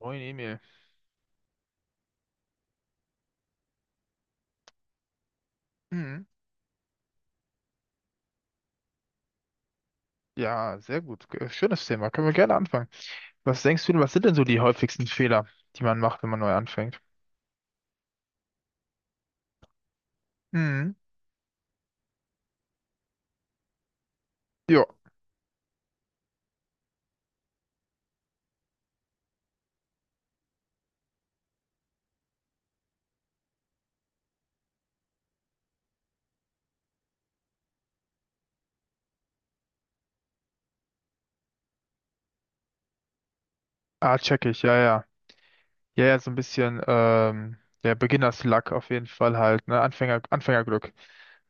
Moin Emil. Hm. Ja, sehr gut. Schönes Thema. Können wir gerne anfangen. Was denkst du denn, was sind denn so die häufigsten Fehler, die man macht, wenn man neu anfängt? Hm. Jo. Ah, check ich. Ja, ja. Ja, ja, so ein bisschen, der Beginner's-Luck auf jeden Fall halt, ne? Anfängerglück.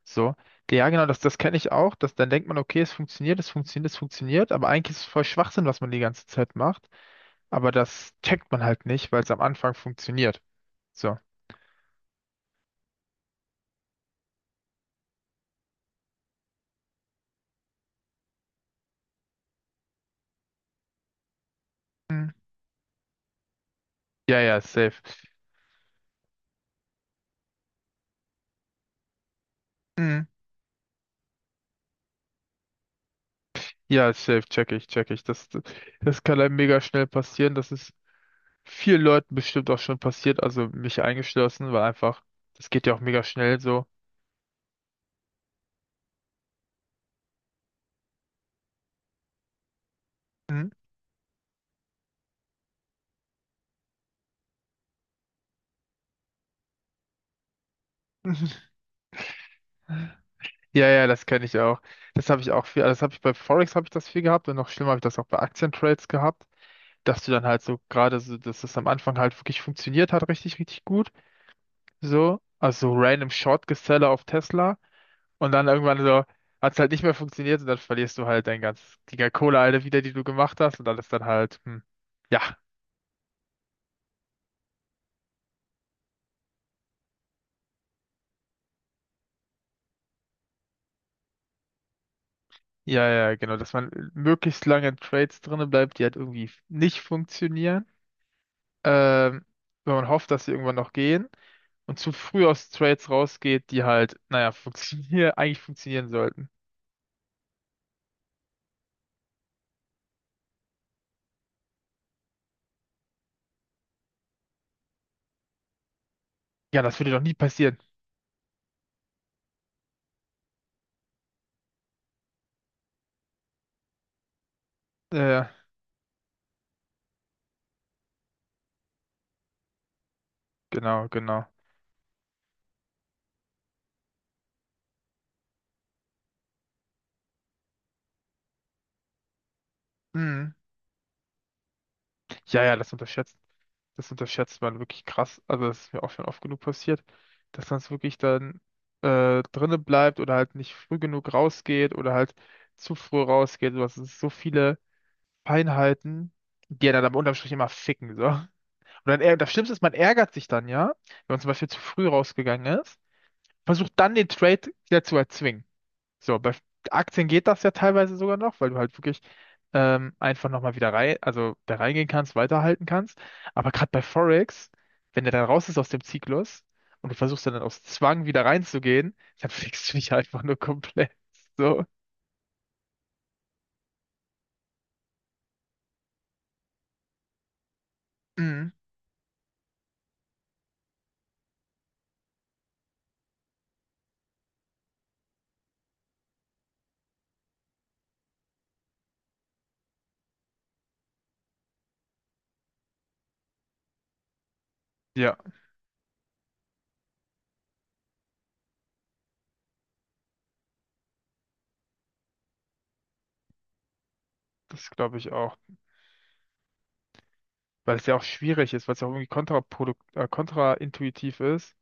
So. Ja, genau, das kenne ich auch. Dass dann denkt man, okay, es funktioniert, es funktioniert, es funktioniert, aber eigentlich ist es voll Schwachsinn, was man die ganze Zeit macht. Aber das checkt man halt nicht, weil es am Anfang funktioniert. So. Hm. Ja, ja, safe. Ja, safe, check ich, check ich. Das kann einem mega schnell passieren. Das ist vielen Leuten bestimmt auch schon passiert, also mich eingeschlossen, weil einfach, das geht ja auch mega schnell so. Mhm. Ja, ja, das kenne ich auch. Das habe ich auch viel, also das habe ich bei Forex habe ich das viel gehabt und noch schlimmer habe ich das auch bei Aktientrades gehabt, dass du dann halt so gerade so, dass das am Anfang halt wirklich funktioniert hat, richtig, richtig gut. So, also so random Short Geseller auf Tesla. Und dann irgendwann so, hat es halt nicht mehr funktioniert und dann verlierst du halt die ganze Kohle alle wieder, die du gemacht hast und dann ist dann halt, ja, ja, ja, genau, dass man möglichst lange in Trades drinne bleibt, die halt irgendwie nicht funktionieren, ähm, wenn man hofft, dass sie irgendwann noch gehen und zu früh aus Trades rausgeht, die halt, naja, funktionieren, eigentlich funktionieren sollten. Ja, das würde doch nie passieren. Äh, genau, genau. Hm. Ja, ja, das unterschätzt man wirklich krass. Also das ist mir auch schon oft genug passiert, dass man es wirklich dann drinne bleibt oder halt nicht früh genug rausgeht oder halt zu früh rausgeht. Du hast so viele Feinheiten, die ja dann am unterm Strich immer ficken, so. Und dann, das Schlimmste ist, man ärgert sich dann, ja, wenn man zum Beispiel zu früh rausgegangen ist, versucht dann den Trade wieder zu erzwingen. So, bei Aktien geht das ja teilweise sogar noch, weil du halt wirklich einfach nochmal wieder rein, also da reingehen kannst, weiterhalten kannst. Aber gerade bei Forex, wenn der dann raus ist aus dem Zyklus und du versuchst dann aus Zwang wieder reinzugehen, dann fickst du dich einfach nur komplett. So. Mhm. Ja, das glaube ich auch. Weil es ja auch schwierig ist, weil es ja auch irgendwie kontraprodukt kontraintuitiv ist.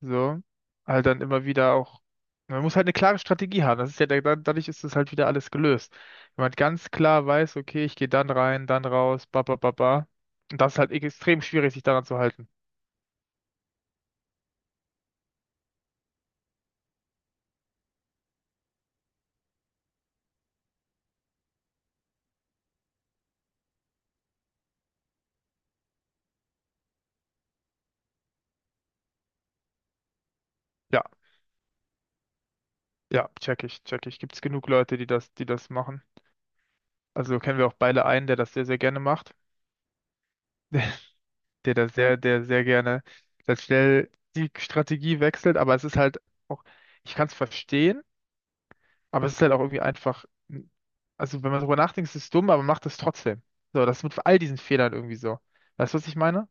So, halt dann immer wieder auch, man muss halt eine klare Strategie haben. Das ist ja, dadurch ist das halt wieder alles gelöst. Wenn man ganz klar weiß, okay, ich gehe dann rein, dann raus, ba, ba, ba, ba. Und das ist halt extrem schwierig, sich daran zu halten. Ja, ja, check ich, check ich. Gibt's genug Leute, die das machen? Also kennen wir auch beide einen, der das sehr, sehr gerne macht. Der sehr gerne dann schnell die Strategie wechselt, aber es ist halt auch, ich kann es verstehen. Aber es ist halt auch irgendwie einfach, also wenn man darüber nachdenkt, ist es dumm, aber macht es trotzdem. So, das ist mit all diesen Fehlern irgendwie so. Weißt du, was ich meine?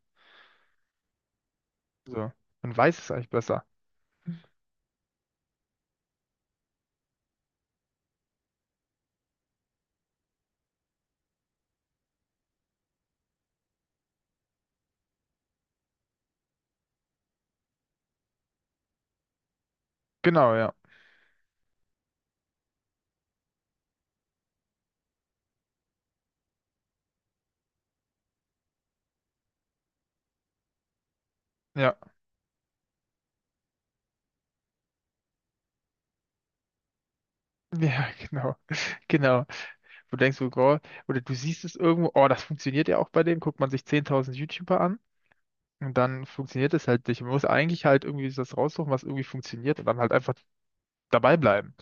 So, man weiß es eigentlich besser. Genau, ja. Ja, ja, genau. Genau. Du denkst, so, oh, oder du siehst es irgendwo, oh, das funktioniert ja auch bei dem, guckt man sich 10.000 YouTuber an und dann funktioniert es halt nicht. Man muss eigentlich halt irgendwie das raussuchen, was irgendwie funktioniert und dann halt einfach dabei bleiben.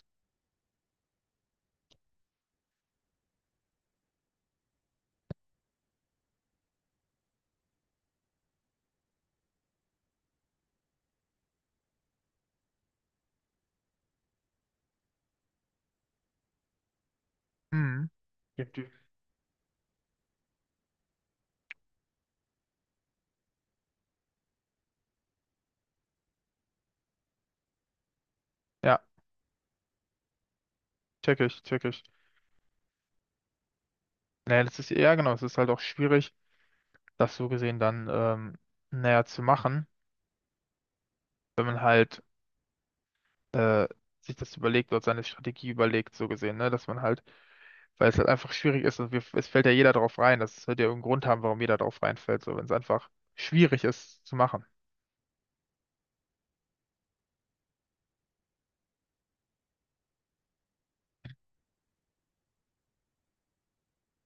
Mhm. Ja, check ich, check ich. Naja, das ist, ja genau, es ist halt auch schwierig, das so gesehen dann näher zu machen, wenn man halt äh, sich das überlegt oder seine Strategie überlegt, so gesehen, ne? Dass man halt, weil es halt einfach schwierig ist und es fällt ja jeder drauf rein, das wird ja irgendeinen Grund haben, warum jeder drauf reinfällt, so wenn es einfach schwierig ist zu machen.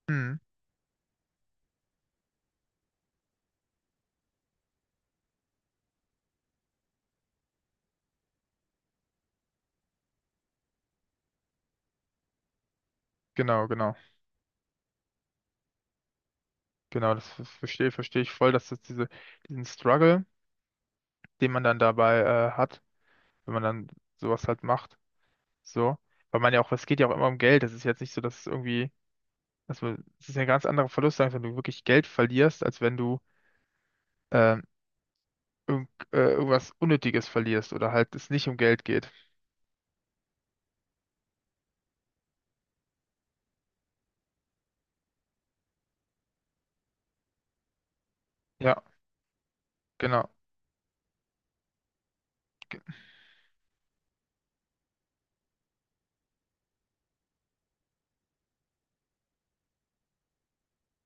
Mhm. Genau, genau, genau, das verstehe ich voll, dass das diesen Struggle, den man dann dabei hat, wenn man dann sowas halt macht, so. Weil man ja auch, es geht ja auch immer um Geld, es ist jetzt nicht so, dass es irgendwie. Also, es ist ja ein ganz anderer Verlust, als wenn du wirklich Geld verlierst, als wenn du ähm, irgendwas Unnötiges verlierst oder halt es nicht um Geld geht. Ja, genau.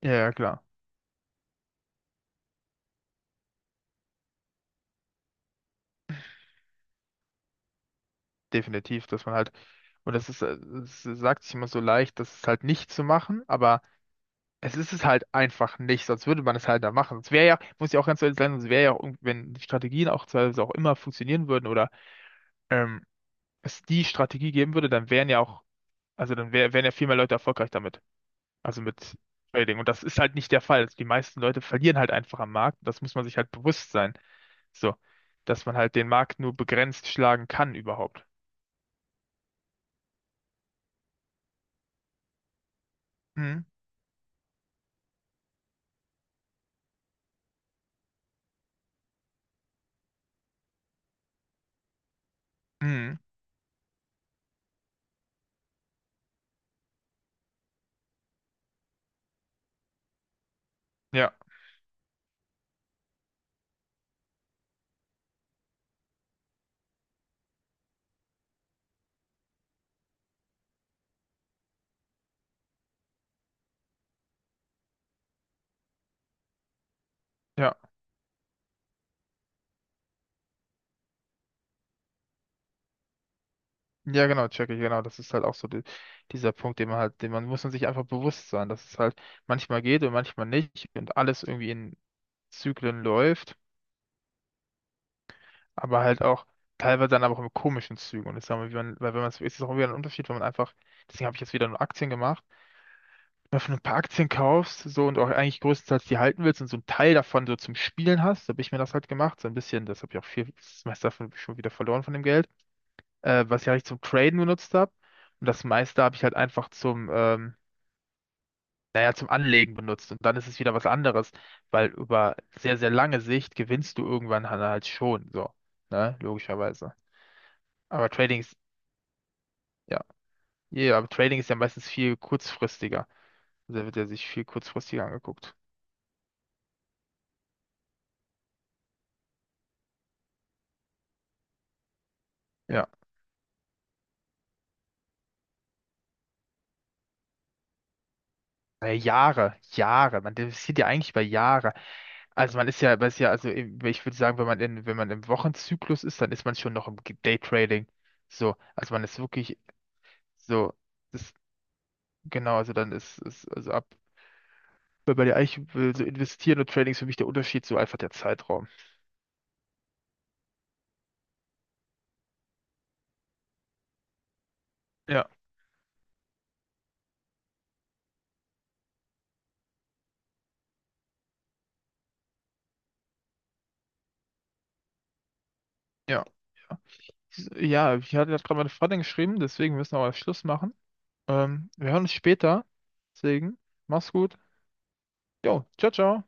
Ja, ja, klar. Definitiv, dass man halt, und das ist, es sagt sich immer so leicht, das ist halt nicht zu machen, aber es ist es halt einfach nicht, sonst würde man es halt da machen. Sonst wäre ja, muss ja auch ganz ehrlich sein, sonst wäre ja auch, wenn die Strategien auch teilweise auch immer funktionieren würden oder ähm, es die Strategie geben würde, dann wären ja auch, also dann wären ja viel mehr Leute erfolgreich damit. Also mit Trading. Und das ist halt nicht der Fall. Die meisten Leute verlieren halt einfach am Markt. Das muss man sich halt bewusst sein. So, dass man halt den Markt nur begrenzt schlagen kann überhaupt. Mhm. Mhm. Ja, ja. Ja, genau, check ich, genau. Das ist halt auch so dieser Punkt, den man halt, den man muss man sich einfach bewusst sein, dass es halt manchmal geht und manchmal nicht und alles irgendwie in Zyklen läuft, aber halt auch teilweise dann aber auch in komischen Zügen. Und das sagen wir, wie man, weil wenn man es, ist es auch wieder ein Unterschied, wenn man einfach, deswegen habe ich jetzt wieder nur Aktien gemacht. Wenn du ein paar Aktien kaufst, so und auch eigentlich größtenteils die halten willst und so einen Teil davon so zum Spielen hast, so habe ich mir das halt gemacht, so ein bisschen, das habe ich auch viel, das meiste davon schon wieder verloren von dem Geld, was ich eigentlich zum Traden benutzt habe und das meiste habe ich halt einfach zum, naja, zum Anlegen benutzt und dann ist es wieder was anderes, weil über sehr, sehr lange Sicht gewinnst du irgendwann halt schon, so, ne, logischerweise. Aber Trading ist, ja, ja, aber Trading ist ja meistens viel kurzfristiger, also wird ja sich viel kurzfristiger angeguckt. Ja. Jahre, Jahre. Man investiert ja eigentlich über Jahre. Also man ist ja, also ich würde sagen, wenn man im Wochenzyklus ist, dann ist man schon noch im Daytrading. So, also man ist wirklich so, das, genau, also dann ist also ab, weil bei dir eigentlich will so investieren und Trading ist für mich der Unterschied, so einfach der Zeitraum. Ja, ja. Ja, ich hatte gerade meine Freundin geschrieben, deswegen müssen wir auch Schluss machen. Wir hören uns später. Deswegen, mach's gut. Jo, ciao, ciao.